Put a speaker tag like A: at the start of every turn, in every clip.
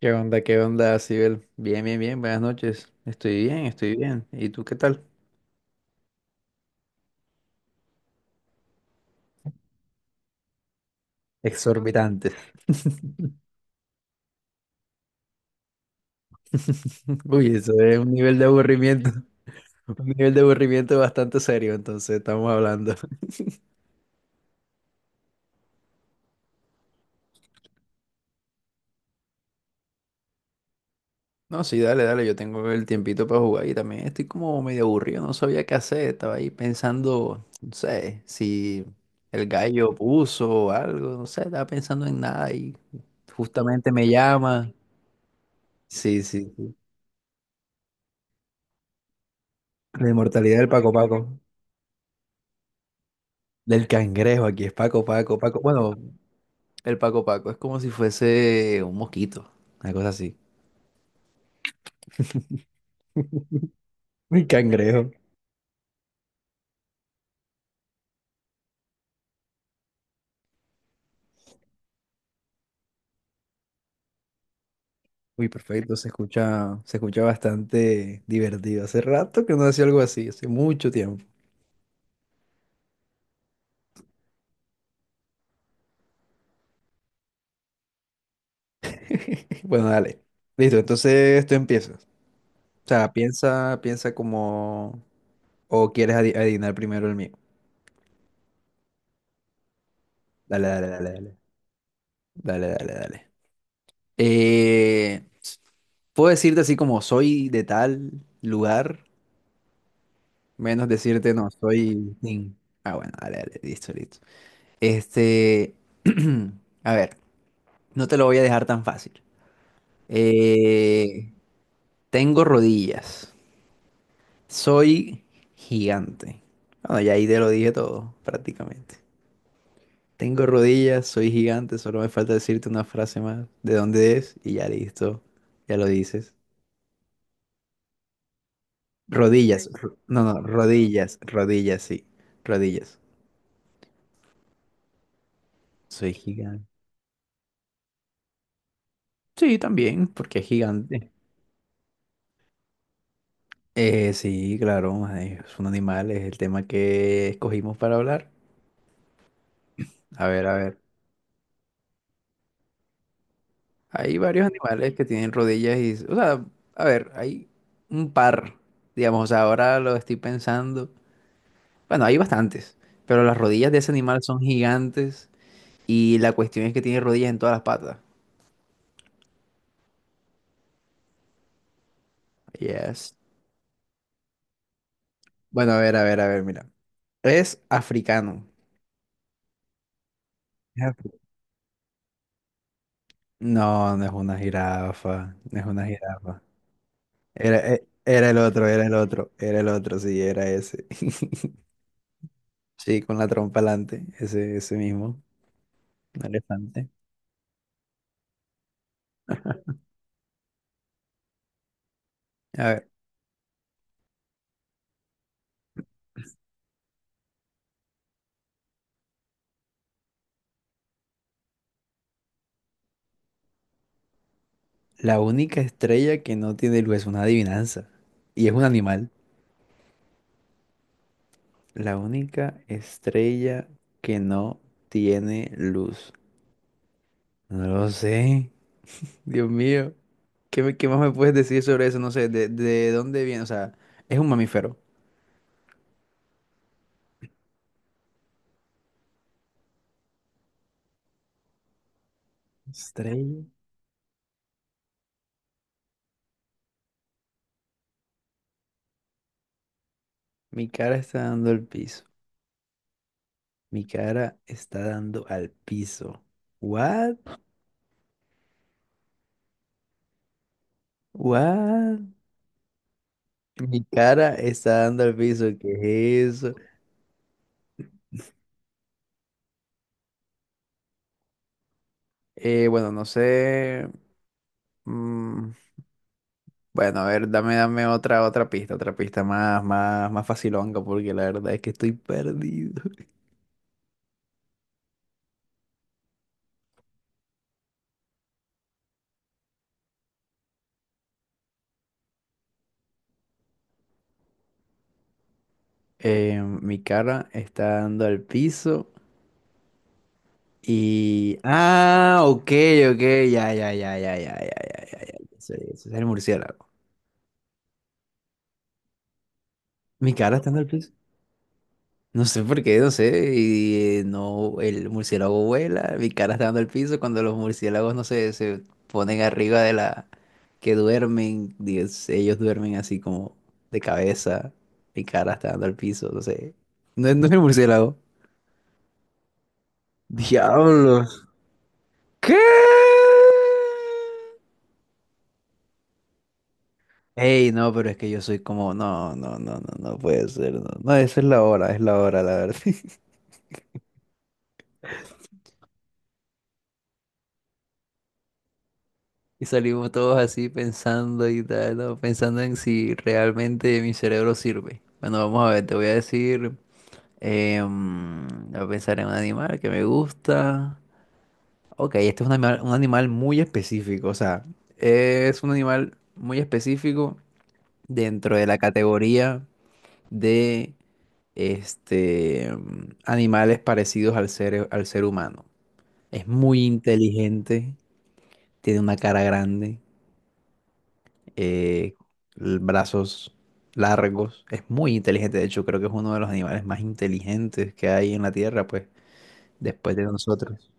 A: ¿Qué onda? ¿Qué onda, Sibel? Bien, bien, bien, buenas noches. Estoy bien, estoy bien. ¿Y tú qué tal? Exorbitantes. Uy, eso es un nivel de aburrimiento, un nivel de aburrimiento bastante serio, entonces estamos hablando. No, sí, dale, dale, yo tengo el tiempito para jugar y también estoy como medio aburrido, no sabía qué hacer, estaba ahí pensando, no sé, si el gallo puso algo, no sé, estaba pensando en nada y justamente me llama. Sí, sí. Sí. La inmortalidad del Paco Paco. Del cangrejo, aquí es Paco Paco, Paco. Bueno, el Paco Paco es como si fuese un mosquito, una cosa así. Un cangrejo. Uy, perfecto, se escucha bastante divertido. Hace rato que no hacía algo así, hace mucho tiempo. Bueno, dale. Listo, entonces tú empiezas. O sea, piensa, piensa como... O quieres adivinar primero el mío. Dale, dale, dale, dale. Dale, dale, dale. Eh, puedo decirte así como soy de tal lugar. Menos decirte no, soy... nin". Ah, bueno, dale, dale, listo, listo. Este, a ver, no te lo voy a dejar tan fácil. Eh, tengo rodillas. Soy gigante. Bueno, ya ahí te lo dije todo, prácticamente. Tengo rodillas, soy gigante, solo me falta decirte una frase más de dónde es y ya listo, ya lo dices. Rodillas, ro- no, no, rodillas, rodillas, sí, rodillas. Soy gigante. Sí, también, porque es gigante. Sí, claro, mae, es un animal, es el tema que escogimos para hablar. A ver, a ver. Hay varios animales que tienen rodillas y, o sea, a ver, hay un par, digamos, o sea, ahora lo estoy pensando. Bueno, hay bastantes, pero las rodillas de ese animal son gigantes y la cuestión es que tiene rodillas en todas las patas. Yes. Bueno, a ver, a ver, a ver, mira. Es africano. Es afri- No, no es una jirafa, no es una jirafa. Era, era el otro, era el otro, era el otro, sí, era ese. Sí, con la trompa alante, ese mismo, un elefante. A ver, la única estrella que no tiene luz es una adivinanza. Y es un animal. La única estrella que no tiene luz. No lo sé. Dios mío. ¿Qué, qué más me puedes decir sobre eso? No sé, de dónde viene? O sea, es un mamífero. Estrella. Mi cara está dando el piso. Mi cara está dando al piso. What? What? Mi cara está dando al piso. ¿Qué es eso? Bueno, no sé. mm, bueno, a ver, dame, dame otra, otra pista más, más, más facilonga, porque la verdad es que estoy perdido. Mi cara está dando al piso y... Ah, ok, ok, ya, ya, ya, ya, ya, ya, ya, ya, ya. Ya, ese es el murciélago. Mi cara está dando al piso. No sé por qué, no sé. Y no, el murciélago vuela, mi cara está dando el piso cuando los murciélagos, no sé, se ponen arriba de la que duermen. Dios, ellos duermen así como de cabeza. Mi cara está dando el piso, no sé. No, no es el murciélago. Diablos. ¿Qué? Ey, no, pero es que yo soy como, no, no, no, no, no puede ser. No, no, esa es la hora, la verdad. Y salimos todos así pensando y tal, ¿no? Pensando en si realmente mi cerebro sirve. Bueno, vamos a ver, te voy a decir, voy a pensar en un animal que me gusta. Ok, este es un animal muy específico, o sea, es un animal muy específico dentro de la categoría de este, animales parecidos al ser humano. Es muy inteligente, tiene una cara grande eh, brazos largos. Es muy inteligente, de hecho, creo que es uno de los animales más inteligentes que hay en la Tierra, pues, después de nosotros.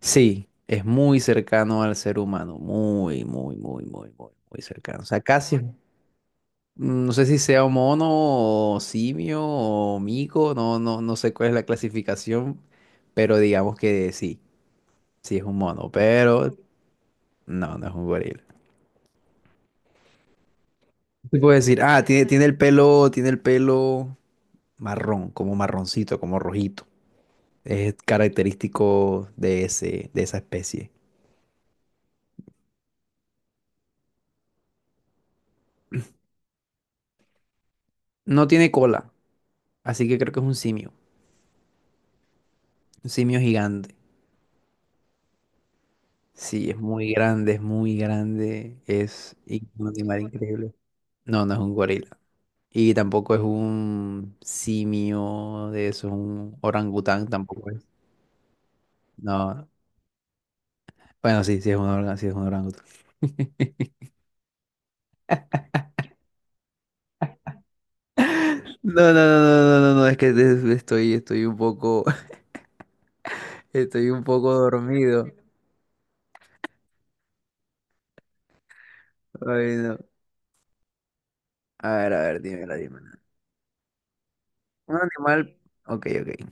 A: Sí, es muy cercano al ser humano, muy, muy, muy, muy, muy, muy cercano. O sea, casi, no sé si sea mono o simio o mico, no, no, no sé cuál es la clasificación, pero digamos que sí, sí es un mono, pero no, no es un gorila. Te puedo decir, ah, tiene el pelo marrón, como marroncito, como rojito. Es característico de ese, de esa especie. No tiene cola, así que creo que es un simio gigante. Sí, es muy grande, un animal increíble. No, no es un gorila. Y tampoco es un simio de eso, un orangután tampoco es. No, bueno, sí, sí es un orangután. No, no, no, no, no, no, no, es que estoy, estoy un poco, estoy un poco dormido. Ay, no. A ver, dímela, dímela. Un animal. Ok, ok.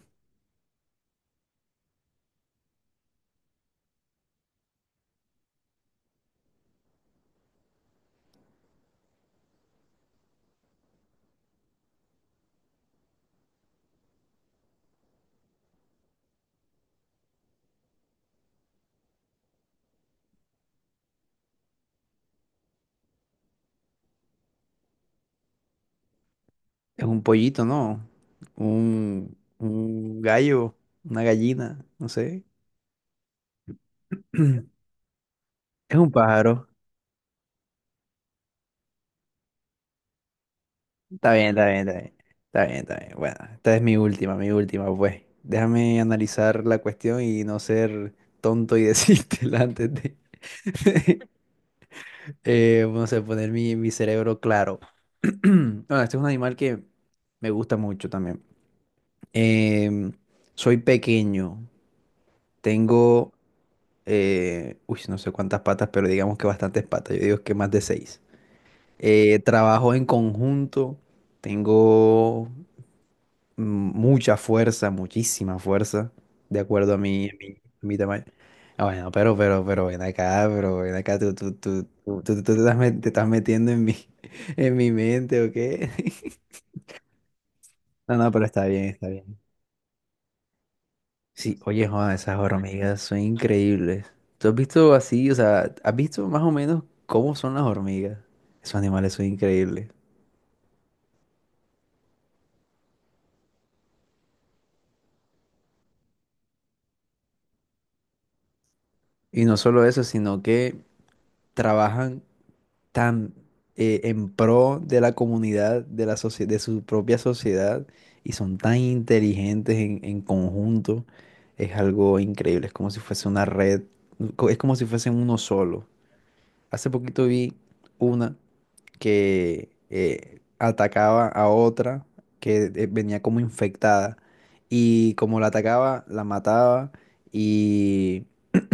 A: Es un pollito, ¿no? Un gallo, una gallina, no sé. Es un pájaro. Está bien, está bien, está bien. Está bien, está bien. Bueno, esta es mi última, pues. Déjame analizar la cuestión y no ser tonto y decírtela antes de. No sé, poner mi, mi cerebro claro. Bueno, este es un animal que me gusta mucho también. Em, soy pequeño. Tengo, uy, no sé cuántas patas, pero digamos que bastantes patas. Yo digo que más de seis. Trabajo en conjunto. Tengo mm, mucha fuerza, muchísima fuerza, de acuerdo a mi, a mi, a mi tamaño. Ah, bueno, pero, ven acá, tú, tú te te estás metiendo en mi, en mi mente, ¿o qué? No, no, pero está bien, está bien. Sí, oye, Juan, esas hormigas son increíbles. ¿Tú has visto así, o sea, has visto más o menos cómo son las hormigas? Esos animales son increíbles. Y no solo eso, sino que trabajan tan en pro de la comunidad, de la de su propia sociedad, y son tan inteligentes en conjunto. Es algo increíble, es como si fuese una red, es como si fuesen uno solo. Hace poquito vi una que atacaba a otra que venía como infectada y como la atacaba, la mataba y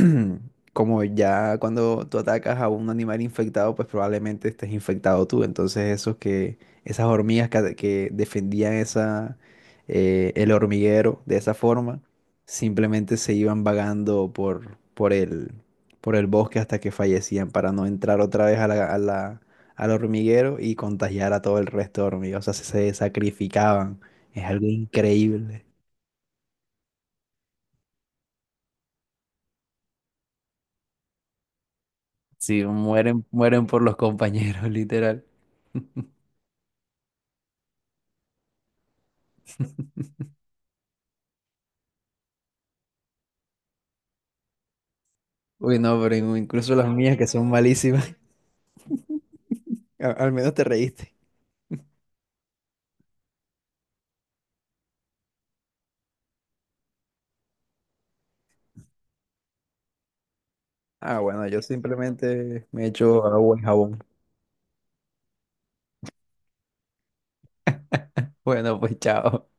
A: como ya cuando tú atacas a un animal infectado, pues probablemente estés infectado tú. Entonces esos que, esas hormigas que, que defendían esa, el hormiguero de esa forma, simplemente se iban vagando por el bosque hasta que fallecían para no entrar otra vez a la, al hormiguero y contagiar a todo el resto de hormigas. O sea, se sacrificaban. Es algo increíble. Sí, mueren, mueren por los compañeros, literal. Uy, no, pero incluso las mías que son malísimas, al menos te reíste. Ah, bueno, yo simplemente me echo agua y jabón. Bueno, pues chao.